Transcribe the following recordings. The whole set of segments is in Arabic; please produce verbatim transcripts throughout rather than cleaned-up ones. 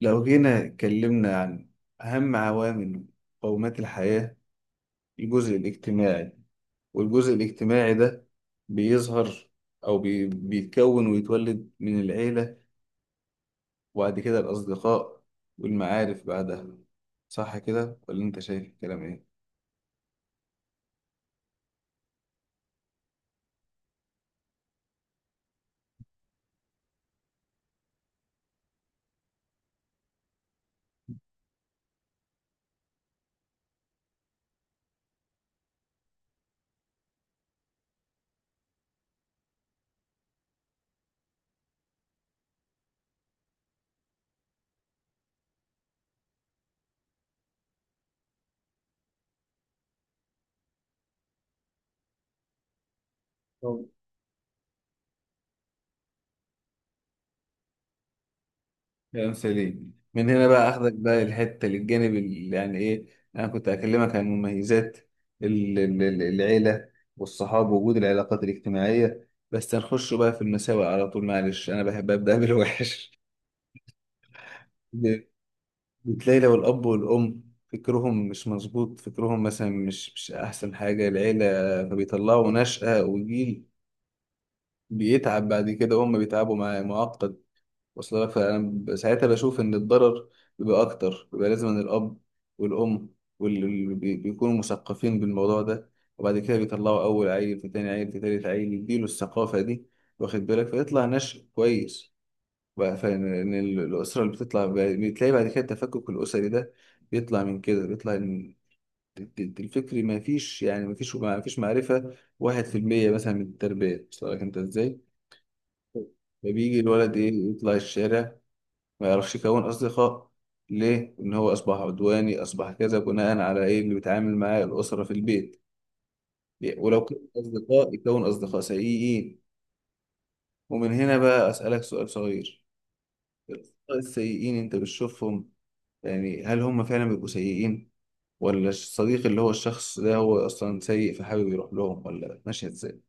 لو جينا اتكلمنا عن أهم عوامل مقومات الحياة، الجزء الاجتماعي. والجزء الاجتماعي ده بيظهر أو بي- بيتكون ويتولد من العيلة، وبعد كده الأصدقاء والمعارف بعدها. صح كده ولا أنت شايف الكلام إيه؟ كلام سليم. من هنا بقى اخدك بقى الحته للجانب اللي يعني ايه. انا كنت اكلمك عن مميزات ال- ال- ال- العيله والصحاب ووجود العلاقات الاجتماعيه، بس هنخش بقى في المساوئ على طول. معلش، انا بحب ابدا بالوحش. ب- بتلاقي لو الاب والام فكرهم مش مظبوط، فكرهم مثلا مش مش احسن حاجه العيله، فبيطلعوا نشأة وجيل بيتعب بعد كده، وهم بيتعبوا مع معقد. وصل لك؟ فأنا ب- ساعتها بشوف إن الضرر بيبقى أكتر، بيبقى لازم إن الأب والأم واللي بيكونوا مثقفين بالموضوع ده، وبعد كده بيطلعوا أول عيل في تاني عيل في تالت عيل يديله الثقافة دي، واخد بالك، فيطلع نشء كويس. بقى، فإن إن ال- الأسرة اللي بتطلع ب- بتلاقي بعد كده التفكك الأسري ده بيطلع من كده. بيطلع إن الت- الت- الفكري، ما فيش، يعني ما فيش ما فيش معرفة، واحد في المية مثلا من التربية. وصل لك أنت إزاي؟ فبيجي الولد إيه، يطلع الشارع ما يعرفش يكون أصدقاء. ليه؟ إن هو أصبح عدواني، أصبح كذا، بناء على إيه اللي بيتعامل معاه الأسرة في البيت. ليه؟ ولو كان أصدقاء يكون أصدقاء سيئين. ومن هنا بقى أسألك سؤال صغير. الأصدقاء السيئين أنت بتشوفهم، يعني هل هم فعلا بيبقوا سيئين، ولا الصديق اللي هو الشخص ده هو أصلا سيء فحابب يروح لهم، ولا ماشية إزاي؟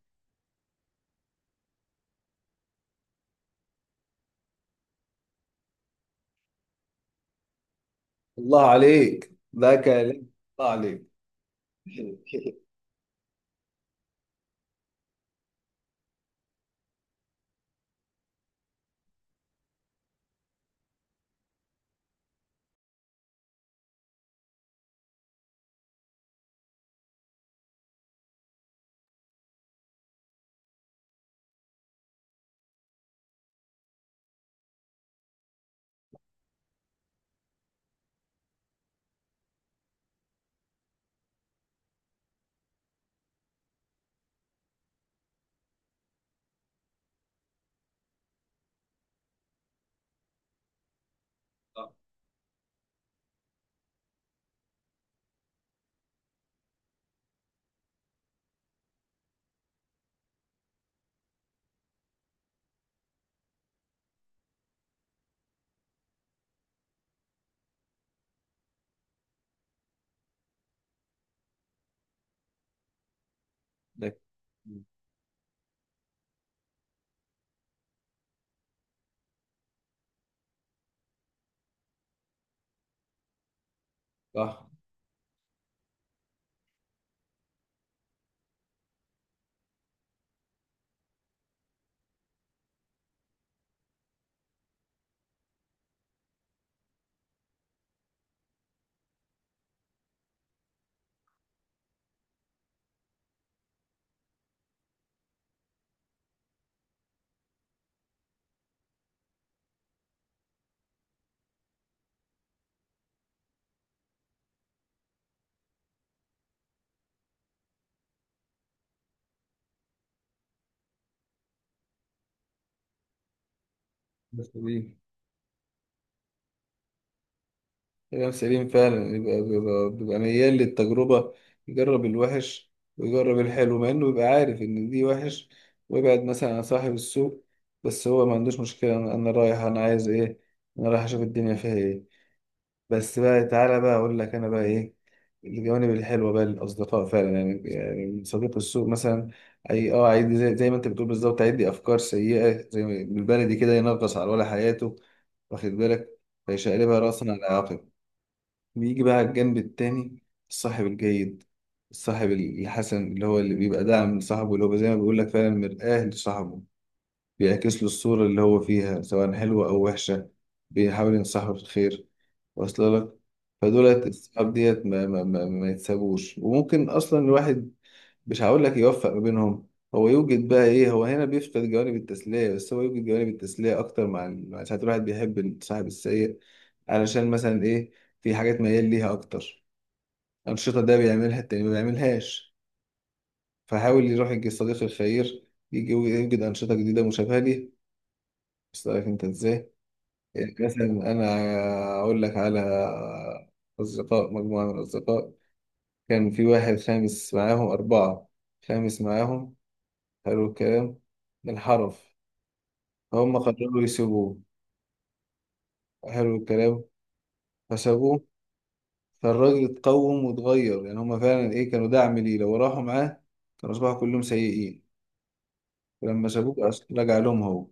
الله عليك، ده كلام. الله عليك. ده صح. بس دي كلام سليم فعلا. يبقى بيبقى, بيبقى ميال للتجربة، يجرب الوحش ويجرب الحلو مع انه يبقى عارف ان دي وحش، ويبعد مثلا عن صاحب السوق. بس هو ما عندوش مشكلة. انا أنا رايح، انا عايز ايه، انا رايح اشوف الدنيا فيها ايه. بس بقى تعالى بقى اقول لك انا بقى ايه. الجوانب الحلوة بقى للأصدقاء فعلا يعني. يعني صديق السوق مثلا، أي أه، عادي، زي, زي ما أنت بتقول بالظبط، عادي، أفكار سيئة زي ما بالبلدي كده، ينغص على ولا حياته، واخد بالك، فيشقلبها رأسا على عقب. بيجي بقى على الجنب التاني، الصاحب الجيد، الصاحب الحسن، اللي هو اللي بيبقى داعم لصاحبه، اللي هو زي ما بيقول لك فعلا مرآة لصاحبه، بيعكس له الصورة اللي هو فيها، سواء حلوة أو وحشة، بيحاول ينصحه في الخير. واصل لك؟ فدولت الصحاب ديت ما, ما, ما, ما يتسابوش، وممكن أصلا الواحد مش هقول لك يوفق ما بينهم. هو يوجد بقى ايه، هو هنا بيفقد جوانب التسلية، بس هو يوجد جوانب التسلية اكتر مع ال- مع ساعات الواحد بيحب صاحب السيء، علشان مثلا ايه، في حاجات ميال ليها اكتر، انشطة ده بيعملها التاني ما بيعملهاش، فحاول يروح يجي الصديق الخير يجي يوجد انشطة جديدة مشابهة ليه، بس عارف انت ازاي. يعني مثلا انا اقول لك على اصدقاء، مجموعة من الاصدقاء، كان في واحد خامس معاهم اربعة، خامس معاهم. حلو الكلام، الحرف. فهم قرروا يسيبوه. حلو الكلام. فسابوه. فالراجل اتقوم واتغير. يعني هم فعلا ايه، كانوا دعم ليه، لو راحوا معاه كانوا اصبحوا كلهم سيئين، ولما سابوه أص- رجع لهم هو.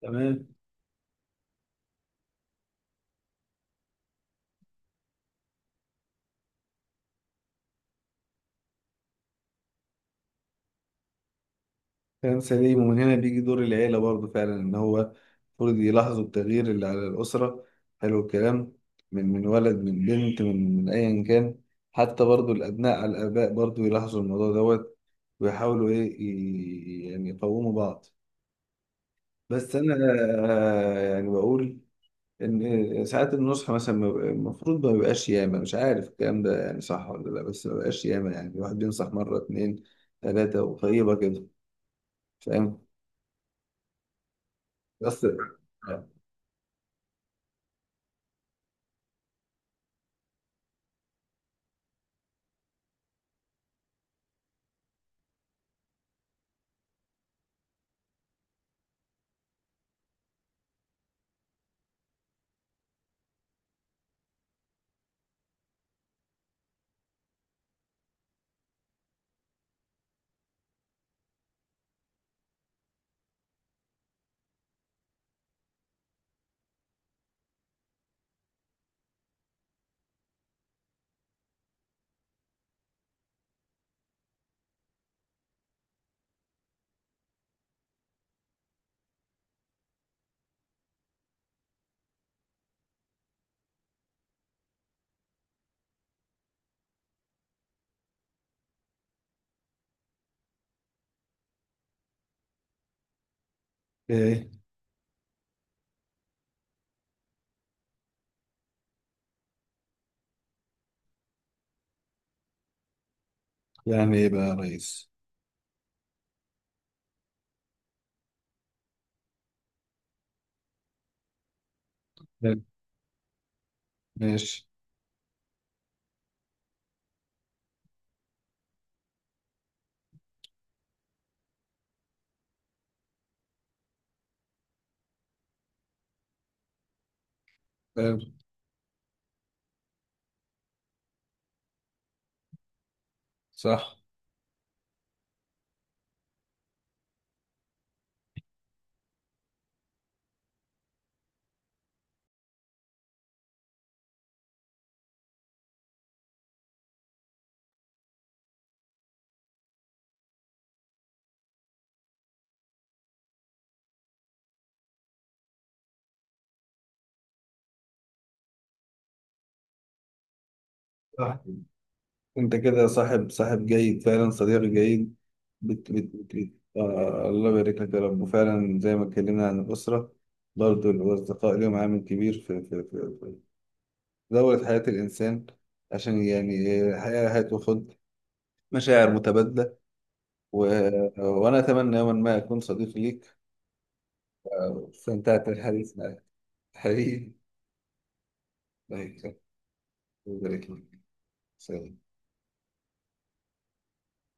تمام. كلام سليم. ومن هنا بيجي دور العيلة برضه فعلا، إن هو المفروض يلاحظوا التغيير اللي على الأسرة. حلو الكلام. من من ولد، من بنت، من من أيا كان، حتى برضه الأبناء على الآباء برضه يلاحظوا الموضوع دوت، ويحاولوا إيه ي- يعني يقوموا بعض. بس أنا آه، يعني بقول إن آه، ساعات النصح مثلا ما بيبقى- المفروض ما بيبقاش ياما، مش عارف الكلام ده يعني صح ولا لأ، بس ما بيبقاش ياما، يعني الواحد بينصح مرة اتنين تلاتة وطيبة كده. فاهم؟ بس ايه؟ يعني ايه بقى يا ريس؟ حلو. ماشي. حلو. صح، صح. انت كده صاحب صاحب جيد فعلا، صديق جيد. بت بت بت بت. آه الله يبارك لك يا رب. وفعلا زي ما اتكلمنا عن الأسرة، برضو الأصدقاء لهم عامل كبير في في في في دورة حياة الإنسان. عشان يعني الحياة هتاخد مشاعر متبادلة و... وأنا أتمنى يوما ما أكون صديق ليك. آه، استمتعت بالحديث معك، حبيبي. الله يكرمك. الله يبارك لك. سلام.